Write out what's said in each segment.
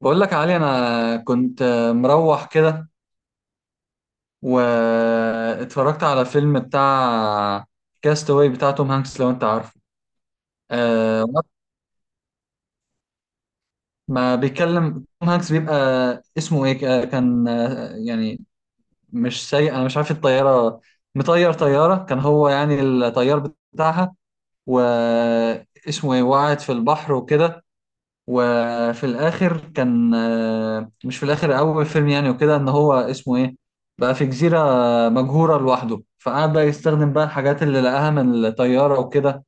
بقول لك يا علي انا كنت مروح كده واتفرجت على فيلم بتاع كاستاوي بتاع توم هانكس لو انت عارفه. وقت ما بيتكلم توم هانكس بيبقى اسمه ايه كان يعني مش سايق. انا مش عارف الطياره مطير طياره كان هو يعني الطيار بتاعها واسمه ايه وقعت في البحر وكده. وفي الاخر كان مش في الاخر اول فيلم يعني وكده ان هو اسمه ايه بقى في جزيرة مجهورة لوحده فقعد بقى يستخدم بقى الحاجات اللي لقاها من الطيارة وكده.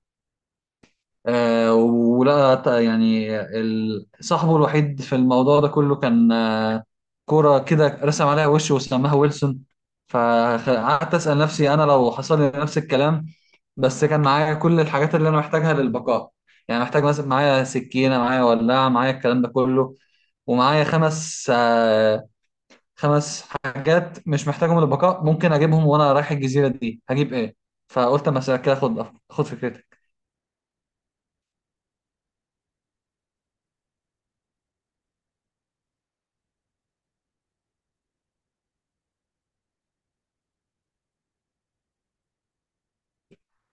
آه، ولا ت- يعني ال- صاحبه الوحيد في الموضوع ده كله كان كرة كده رسم عليها وش وسماها ويلسون. فقعدت أسأل نفسي أنا لو حصل لي نفس الكلام بس كان معايا كل الحاجات اللي أنا محتاجها للبقاء. يعني محتاج مثلا معايا سكينة معايا ولاعة معايا الكلام ده كله ومعايا خمس حاجات مش محتاجهم للبقاء ممكن أجيبهم وأنا رايح الجزيرة دي هجيب إيه؟ فقلت أما أسألك كده خد خد فكرتك.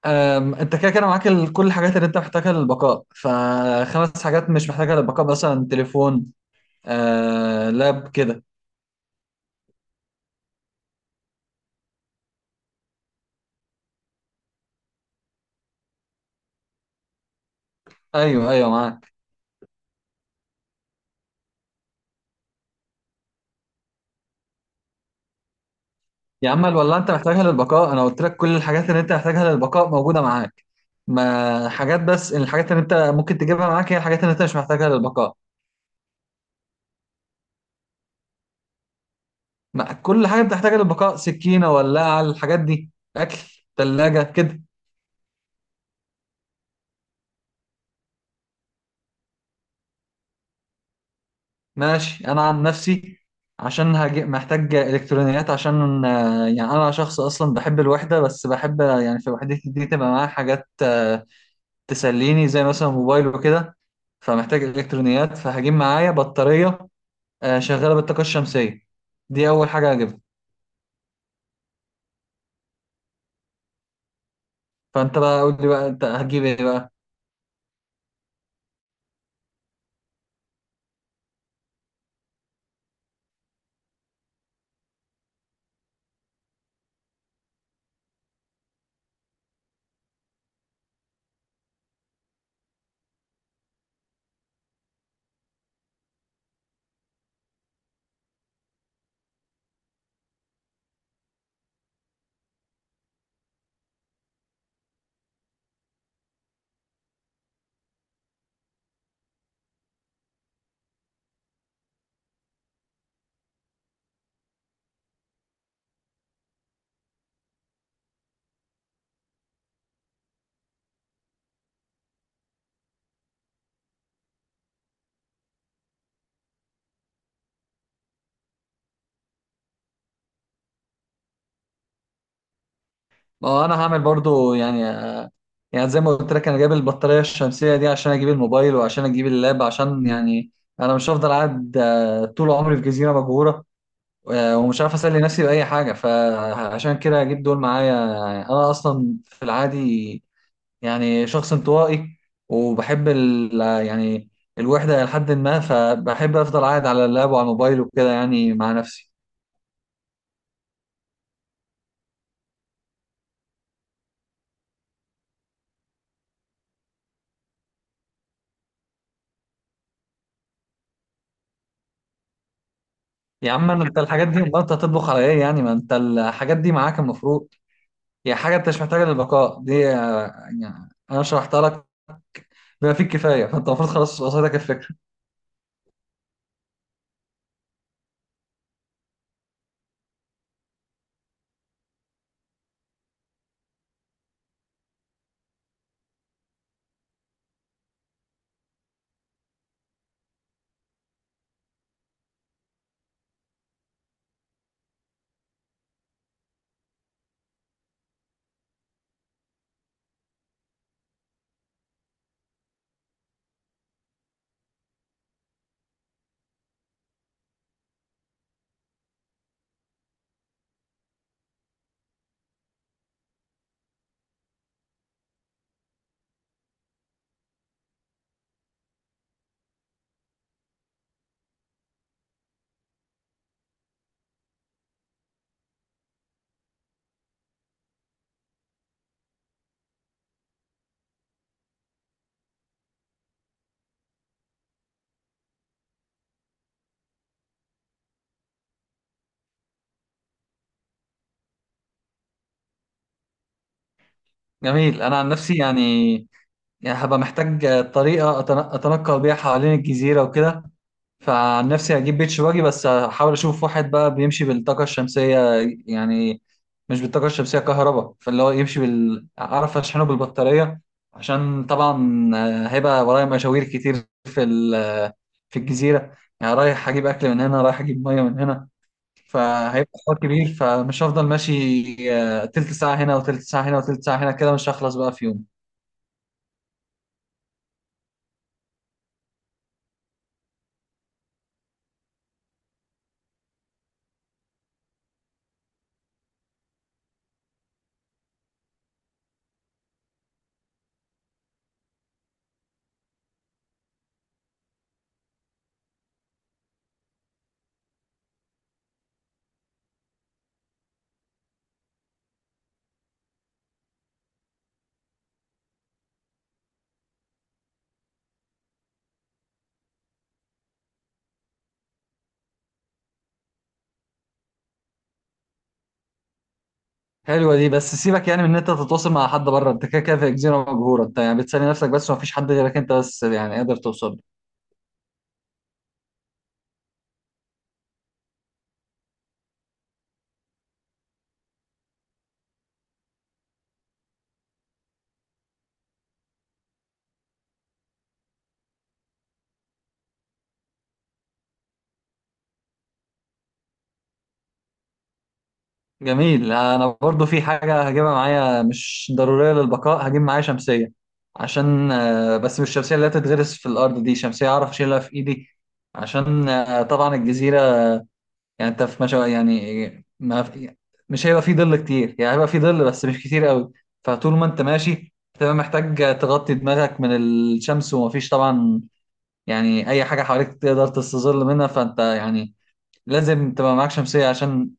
انت كده كده معاك كل الحاجات اللي انت محتاجها للبقاء ف5 حاجات مش محتاجها للبقاء مثلا تليفون لاب كده. ايوه ايوه معاك. يا عم ولا انت محتاجها للبقاء انا قلت لك كل الحاجات اللي انت محتاجها للبقاء موجوده معاك. ما حاجات بس الحاجات اللي انت ممكن تجيبها معاك هي الحاجات اللي انت مش محتاجها للبقاء. ما كل حاجه بتحتاجها للبقاء سكينه ولاعه الحاجات دي اكل ثلاجه كده. ماشي انا عن نفسي عشان هجي محتاج الكترونيات عشان يعني انا شخص اصلا بحب الوحده بس بحب يعني في وحدتي دي تبقى معايا حاجات تسليني زي مثلا موبايل وكده. فمحتاج الكترونيات فهجيب معايا بطاريه شغاله بالطاقه الشمسيه دي اول حاجه هجيبها. فانت بقى قول لي بقى انت هتجيب ايه بقى؟ ما هو انا هعمل برضو يعني زي ما قلت لك انا جايب البطاريه الشمسيه دي عشان اجيب الموبايل وعشان اجيب اللاب عشان يعني انا مش هفضل قاعد طول عمري في جزيره مهجوره ومش عارف اسلي نفسي باي حاجه فعشان كده اجيب دول معايا. انا اصلا في العادي يعني شخص انطوائي وبحب ال يعني الوحده لحد ما فبحب افضل قاعد على اللاب وعلى الموبايل وكده يعني مع نفسي. يا عم انت الحاجات دي ما انت هتطبخ على ايه يعني ما انت الحاجات دي معاك المفروض. يعني حاجه انت مش محتاجه للبقاء دي يعني انا شرحتها لك بما فيه الكفايه فانت المفروض خلاص وصلتك الفكره. جميل انا عن نفسي يعني هبقى محتاج طريقه اتنقل بيها حوالين الجزيره وكده. فعن نفسي هجيب بيتش باجي بس هحاول اشوف واحد بقى بيمشي بالطاقه الشمسيه يعني مش بالطاقه الشمسيه كهرباء فاللي هو يمشي بال اعرف اشحنه بالبطاريه. عشان طبعا هيبقى ورايا مشاوير كتير في في الجزيره يعني رايح اجيب اكل من هنا رايح اجيب ميه من هنا فهيبقى حوار كبير فمش هفضل ماشي تلت ساعة هنا وتلت ساعة هنا وتلت ساعة هنا كده مش هخلص بقى في يوم. حلوة دي بس سيبك يعني من ان انت تتواصل مع حد بره انت كده كده في جزيرة مجهورة انت يعني بتسلي نفسك بس ومفيش حد غيرك انت بس يعني قادر توصل له. جميل انا برضو في حاجة هجيبها معايا مش ضرورية للبقاء هجيب معايا شمسية عشان بس مش الشمسية اللي هتتغرس في الأرض دي شمسية أعرف أشيلها في إيدي. عشان طبعا الجزيرة يعني انت في مشا يعني ما في مش هيبقى في ظل كتير يعني هيبقى في ظل بس مش كتير قوي. فطول ما انت ماشي تبقى محتاج تغطي دماغك من الشمس ومفيش طبعا يعني اي حاجة حواليك تقدر تستظل منها فانت يعني لازم تبقى معاك شمسية عشان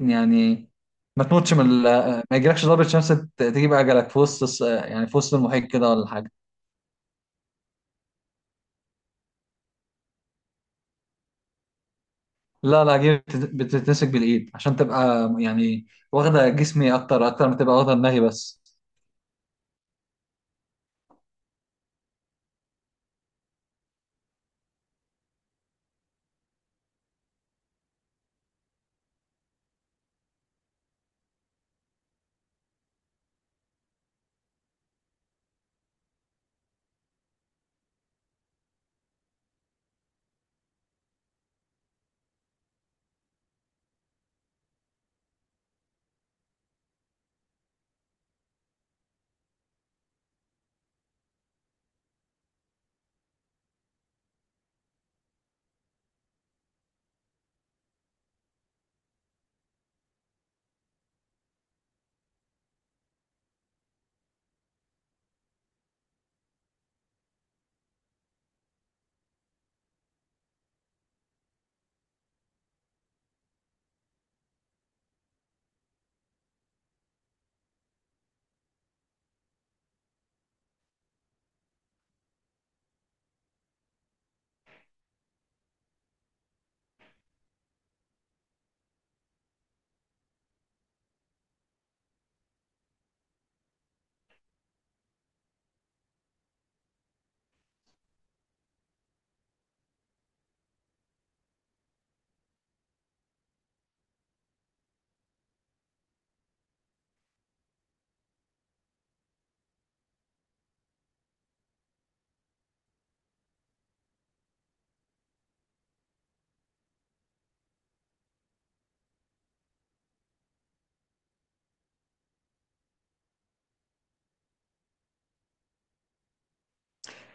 يعني ما تموتش من ما يجيلكش ضربة شمس تجيب اجلك في وسط يعني في وسط المحيط كده ولا حاجة. لا لا دي بتتمسك بالايد عشان تبقى يعني واخدة جسمي اكتر اكتر ما تبقى واخدة دماغي بس.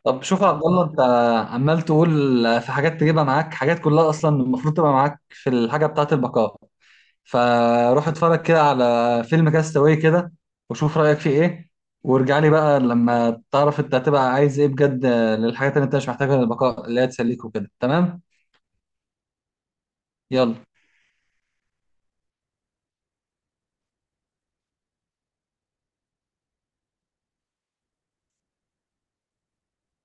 طب شوف يا عبد الله انت عمال تقول في حاجات تجيبها معاك حاجات كلها اصلا المفروض تبقى معاك في الحاجه بتاعه البقاء. فروح اتفرج كده على فيلم كاستاوي كده وشوف رايك فيه ايه وارجع لي بقى لما تعرف انت هتبقى عايز ايه بجد للحاجات اللي انت مش محتاجها للبقاء اللي هي تسليك وكده تمام. يلا.